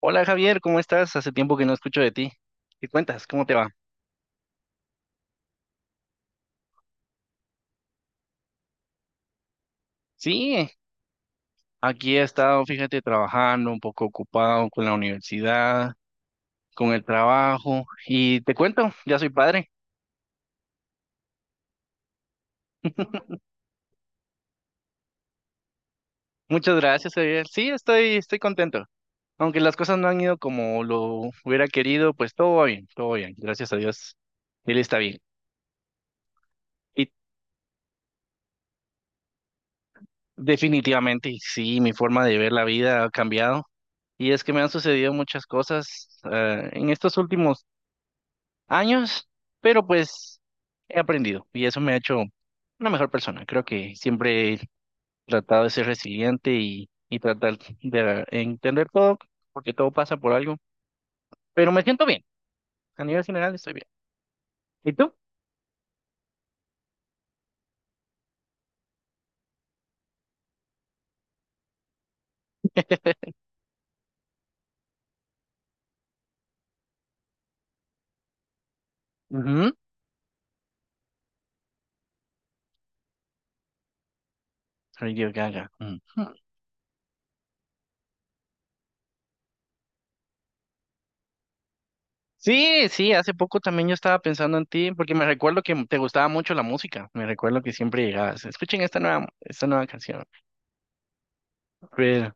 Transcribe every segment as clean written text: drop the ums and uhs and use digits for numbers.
Hola Javier, ¿cómo estás? Hace tiempo que no escucho de ti. ¿Qué cuentas? ¿Cómo te va? Sí, aquí he estado, fíjate, trabajando, un poco ocupado con la universidad, con el trabajo y te cuento, ya soy padre. Muchas gracias, Javier. Sí, estoy contento. Aunque las cosas no han ido como lo hubiera querido, pues todo va bien, todo va bien. Gracias a Dios, él está bien. Y definitivamente, sí, mi forma de ver la vida ha cambiado. Y es que me han sucedido muchas cosas en estos últimos años, pero pues he aprendido y eso me ha hecho una mejor persona. Creo que siempre he tratado de ser resiliente y tratar de entender todo, porque todo pasa por algo, pero me siento bien. A nivel general estoy bien. ¿Y tú? Ujú. Radio Gaga. Mm. Sí, sí, hace poco también yo estaba pensando en ti, porque me recuerdo que te gustaba mucho la música. Me recuerdo que siempre llegabas. Escuchen esta nueva canción. Pero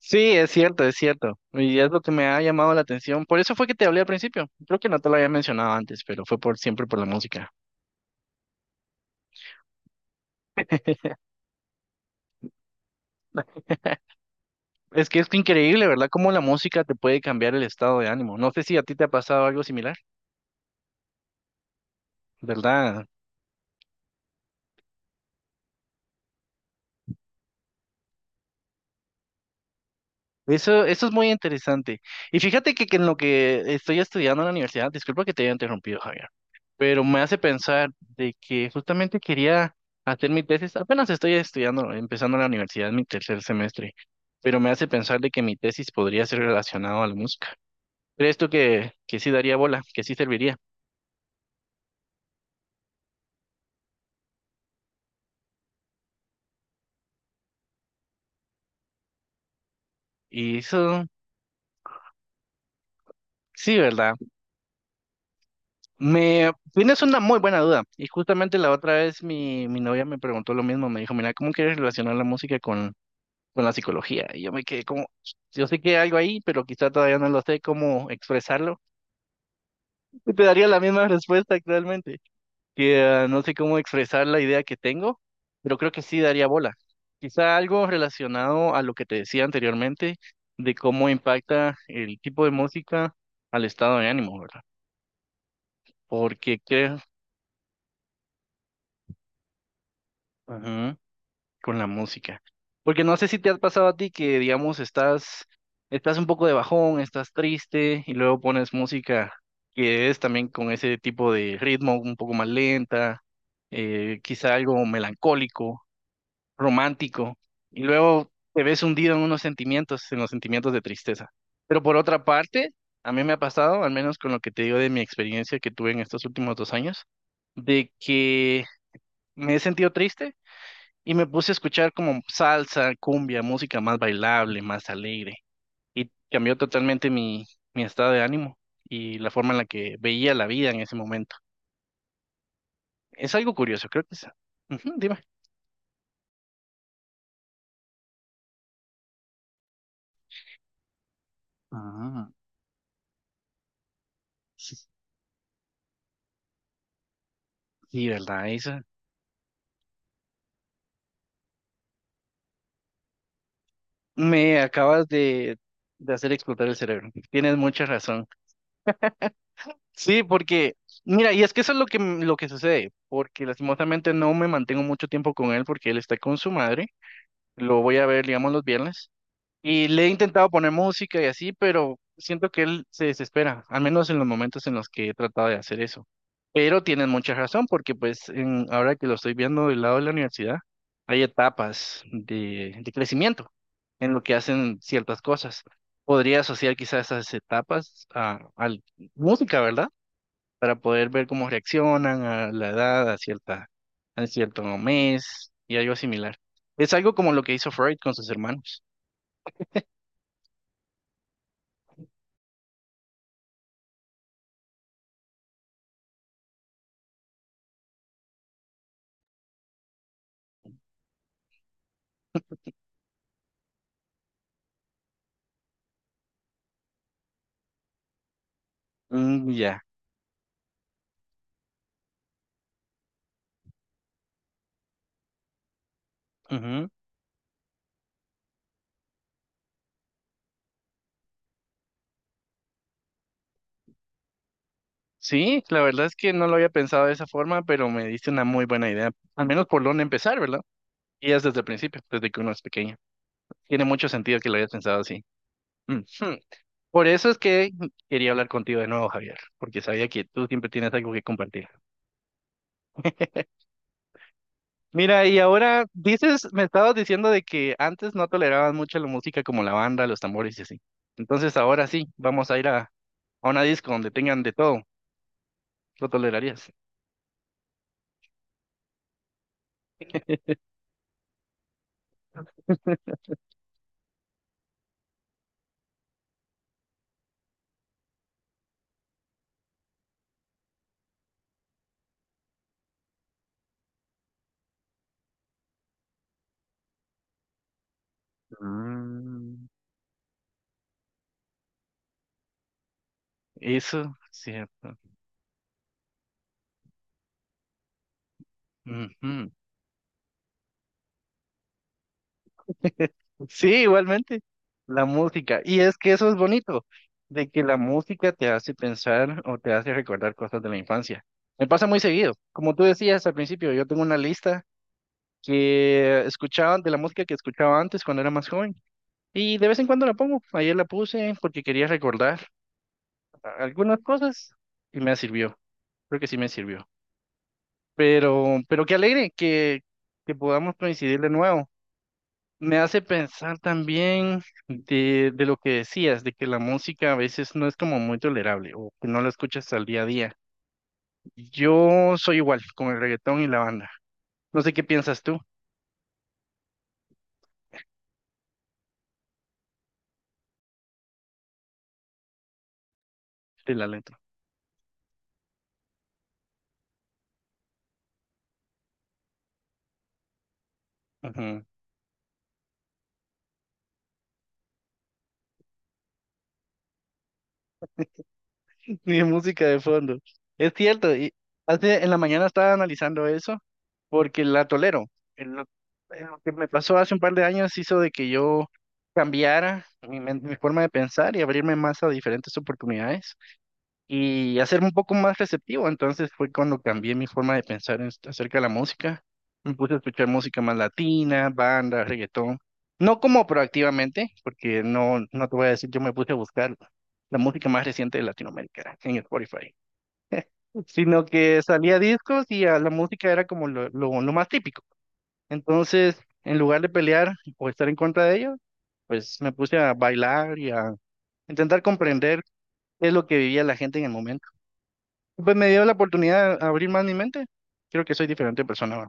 sí, es cierto, es cierto. Y es lo que me ha llamado la atención. Por eso fue que te hablé al principio. Creo que no te lo había mencionado antes, pero fue por siempre por la música. Es que es increíble, ¿verdad? Cómo la música te puede cambiar el estado de ánimo. No sé si a ti te ha pasado algo similar, ¿verdad? Eso es muy interesante. Y fíjate que en lo que estoy estudiando en la universidad, disculpa que te haya interrumpido, Javier. Pero me hace pensar de que justamente quería hacer mi tesis, apenas estoy estudiando, empezando la universidad, mi tercer semestre, pero me hace pensar de que mi tesis podría ser relacionado a la música. ¿Crees tú que sí daría bola, que sí serviría? Y eso, sí, ¿verdad? Me tienes una muy buena duda. Y justamente la otra vez mi novia me preguntó lo mismo, me dijo, mira, ¿cómo quieres relacionar la música con la psicología? Y yo me quedé como, yo sé que hay algo ahí, pero quizá todavía no lo sé cómo expresarlo. Y te daría la misma respuesta actualmente, que ah, no sé cómo expresar la idea que tengo, pero creo que sí daría bola. Quizá algo relacionado a lo que te decía anteriormente, de cómo impacta el tipo de música al estado de ánimo, ¿verdad? Porque creo, ujú, con la música. Porque no sé si te ha pasado a ti que, digamos, estás un poco de bajón, estás triste y luego pones música que es también con ese tipo de ritmo un poco más lenta, quizá algo melancólico, romántico, y luego te ves hundido en unos sentimientos, en los sentimientos de tristeza. Pero por otra parte, a mí me ha pasado, al menos con lo que te digo de mi experiencia que tuve en estos últimos dos años, de que me he sentido triste y me puse a escuchar como salsa, cumbia, música más bailable, más alegre. Y cambió totalmente mi estado de ánimo y la forma en la que veía la vida en ese momento. Es algo curioso, creo que es. Ujú, dime. Ah, sí, sí, ¿verdad, Isa? Me acabas de, de hacer explotar el cerebro. Tienes mucha razón. Sí, porque, mira, y es que eso es lo que sucede, porque lastimosamente no me mantengo mucho tiempo con él porque él está con su madre. Lo voy a ver, digamos, los viernes. Y le he intentado poner música y así, pero siento que él se desespera, al menos en los momentos en los que he tratado de hacer eso. Pero tienen mucha razón, porque ahora que lo estoy viendo del lado de la universidad, hay etapas de crecimiento en lo que hacen ciertas cosas. Podría asociar quizás esas etapas a música, ¿verdad? Para poder ver cómo reaccionan a la edad, a cierto mes y algo similar. Es algo como lo que hizo Freud con sus hermanos. Mm, ya. Ujú. Sí, la verdad es que no lo había pensado de esa forma, pero me diste una muy buena idea. Al menos por dónde empezar, ¿verdad? Y es desde el principio, desde que uno es pequeño. Tiene mucho sentido que lo hayas pensado así. Ujú. Por eso es que quería hablar contigo de nuevo, Javier, porque sabía que tú siempre tienes algo que compartir. Mira, y ahora dices, me estabas diciendo de que antes no tolerabas mucho la música como la banda, los tambores y así. Entonces ahora sí, vamos a ir a una disco donde tengan de todo. ¿Lo tolerarías? Mm, eso, sí. Ujú. Sí, igualmente, la música. Y es que eso es bonito, de que la música te hace pensar o te hace recordar cosas de la infancia. Me pasa muy seguido. Como tú decías al principio, yo tengo una lista que escuchaba de la música que escuchaba antes cuando era más joven. Y de vez en cuando la pongo. Ayer la puse porque quería recordar algunas cosas y me sirvió. Creo que sí me sirvió. Pero qué alegre que podamos coincidir de nuevo. Me hace pensar también de lo que decías, de que la música a veces no es como muy tolerable o que no la escuchas al día a día. Yo soy igual con el reggaetón y la banda. No sé qué piensas tú de la letra. Ujú. Ni de música de fondo. Es cierto, y hace, en la mañana estaba analizando eso porque la tolero. En lo, en lo que me pasó hace un par de años hizo de que yo cambiara mi forma de pensar y abrirme más a diferentes oportunidades. Y hacerme un poco más receptivo. Entonces fue cuando cambié mi forma de pensar en acerca de la música. Me puse a escuchar música más latina, banda, reggaetón. No como proactivamente, porque no, no te voy a decir, yo me puse a buscar la música más reciente de Latinoamérica en Spotify, sino que salía discos y a la música era como lo más típico. Entonces, en lugar de pelear o estar en contra de ello, pues me puse a bailar y a intentar comprender qué es lo que vivía la gente en el momento. Pues me dio la oportunidad de abrir más mi mente. Creo que soy diferente persona,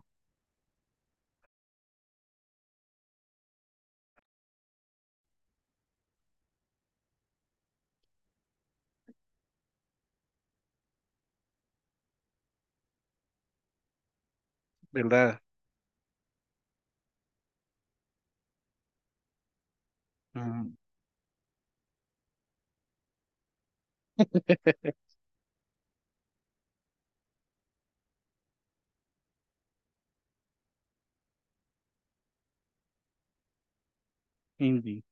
¿verdad? Ah, Indy.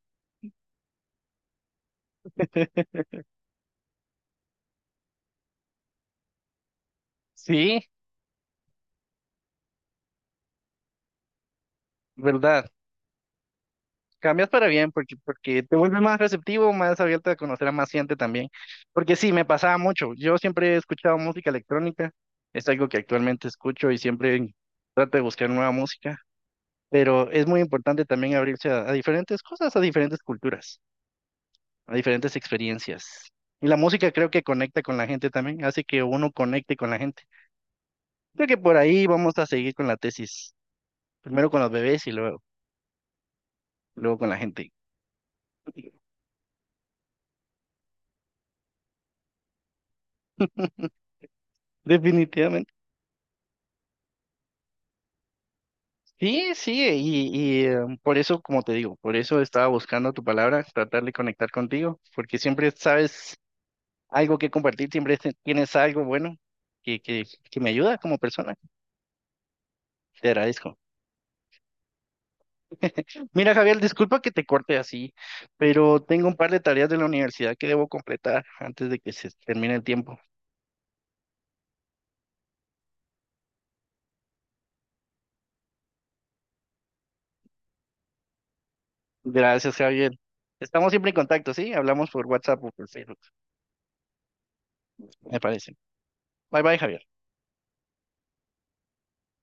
Sí, ¿verdad? Cambias para bien porque te vuelves más receptivo, más abierta a conocer a más gente también. Porque sí, me pasaba mucho. Yo siempre he escuchado música electrónica. Es algo que actualmente escucho y siempre trato de buscar nueva música. Pero es muy importante también abrirse a diferentes cosas, a diferentes culturas, a diferentes experiencias. Y la música creo que conecta con la gente también, hace que uno conecte con la gente. Creo que por ahí vamos a seguir con la tesis. Primero con los bebés y luego, luego con la gente. Definitivamente. Sí, sí, por eso, como te digo, por eso estaba buscando tu palabra, tratar de conectar contigo, porque siempre sabes algo que compartir, siempre tienes algo bueno que, que, que me ayuda como persona. Te agradezco. Mira, Javier, disculpa que te corte así, pero tengo un par de tareas de la universidad que debo completar antes de que se termine el tiempo. Gracias, Javier. Estamos siempre en contacto, ¿sí? Hablamos por WhatsApp o por Facebook, me parece. Bye bye, Javier.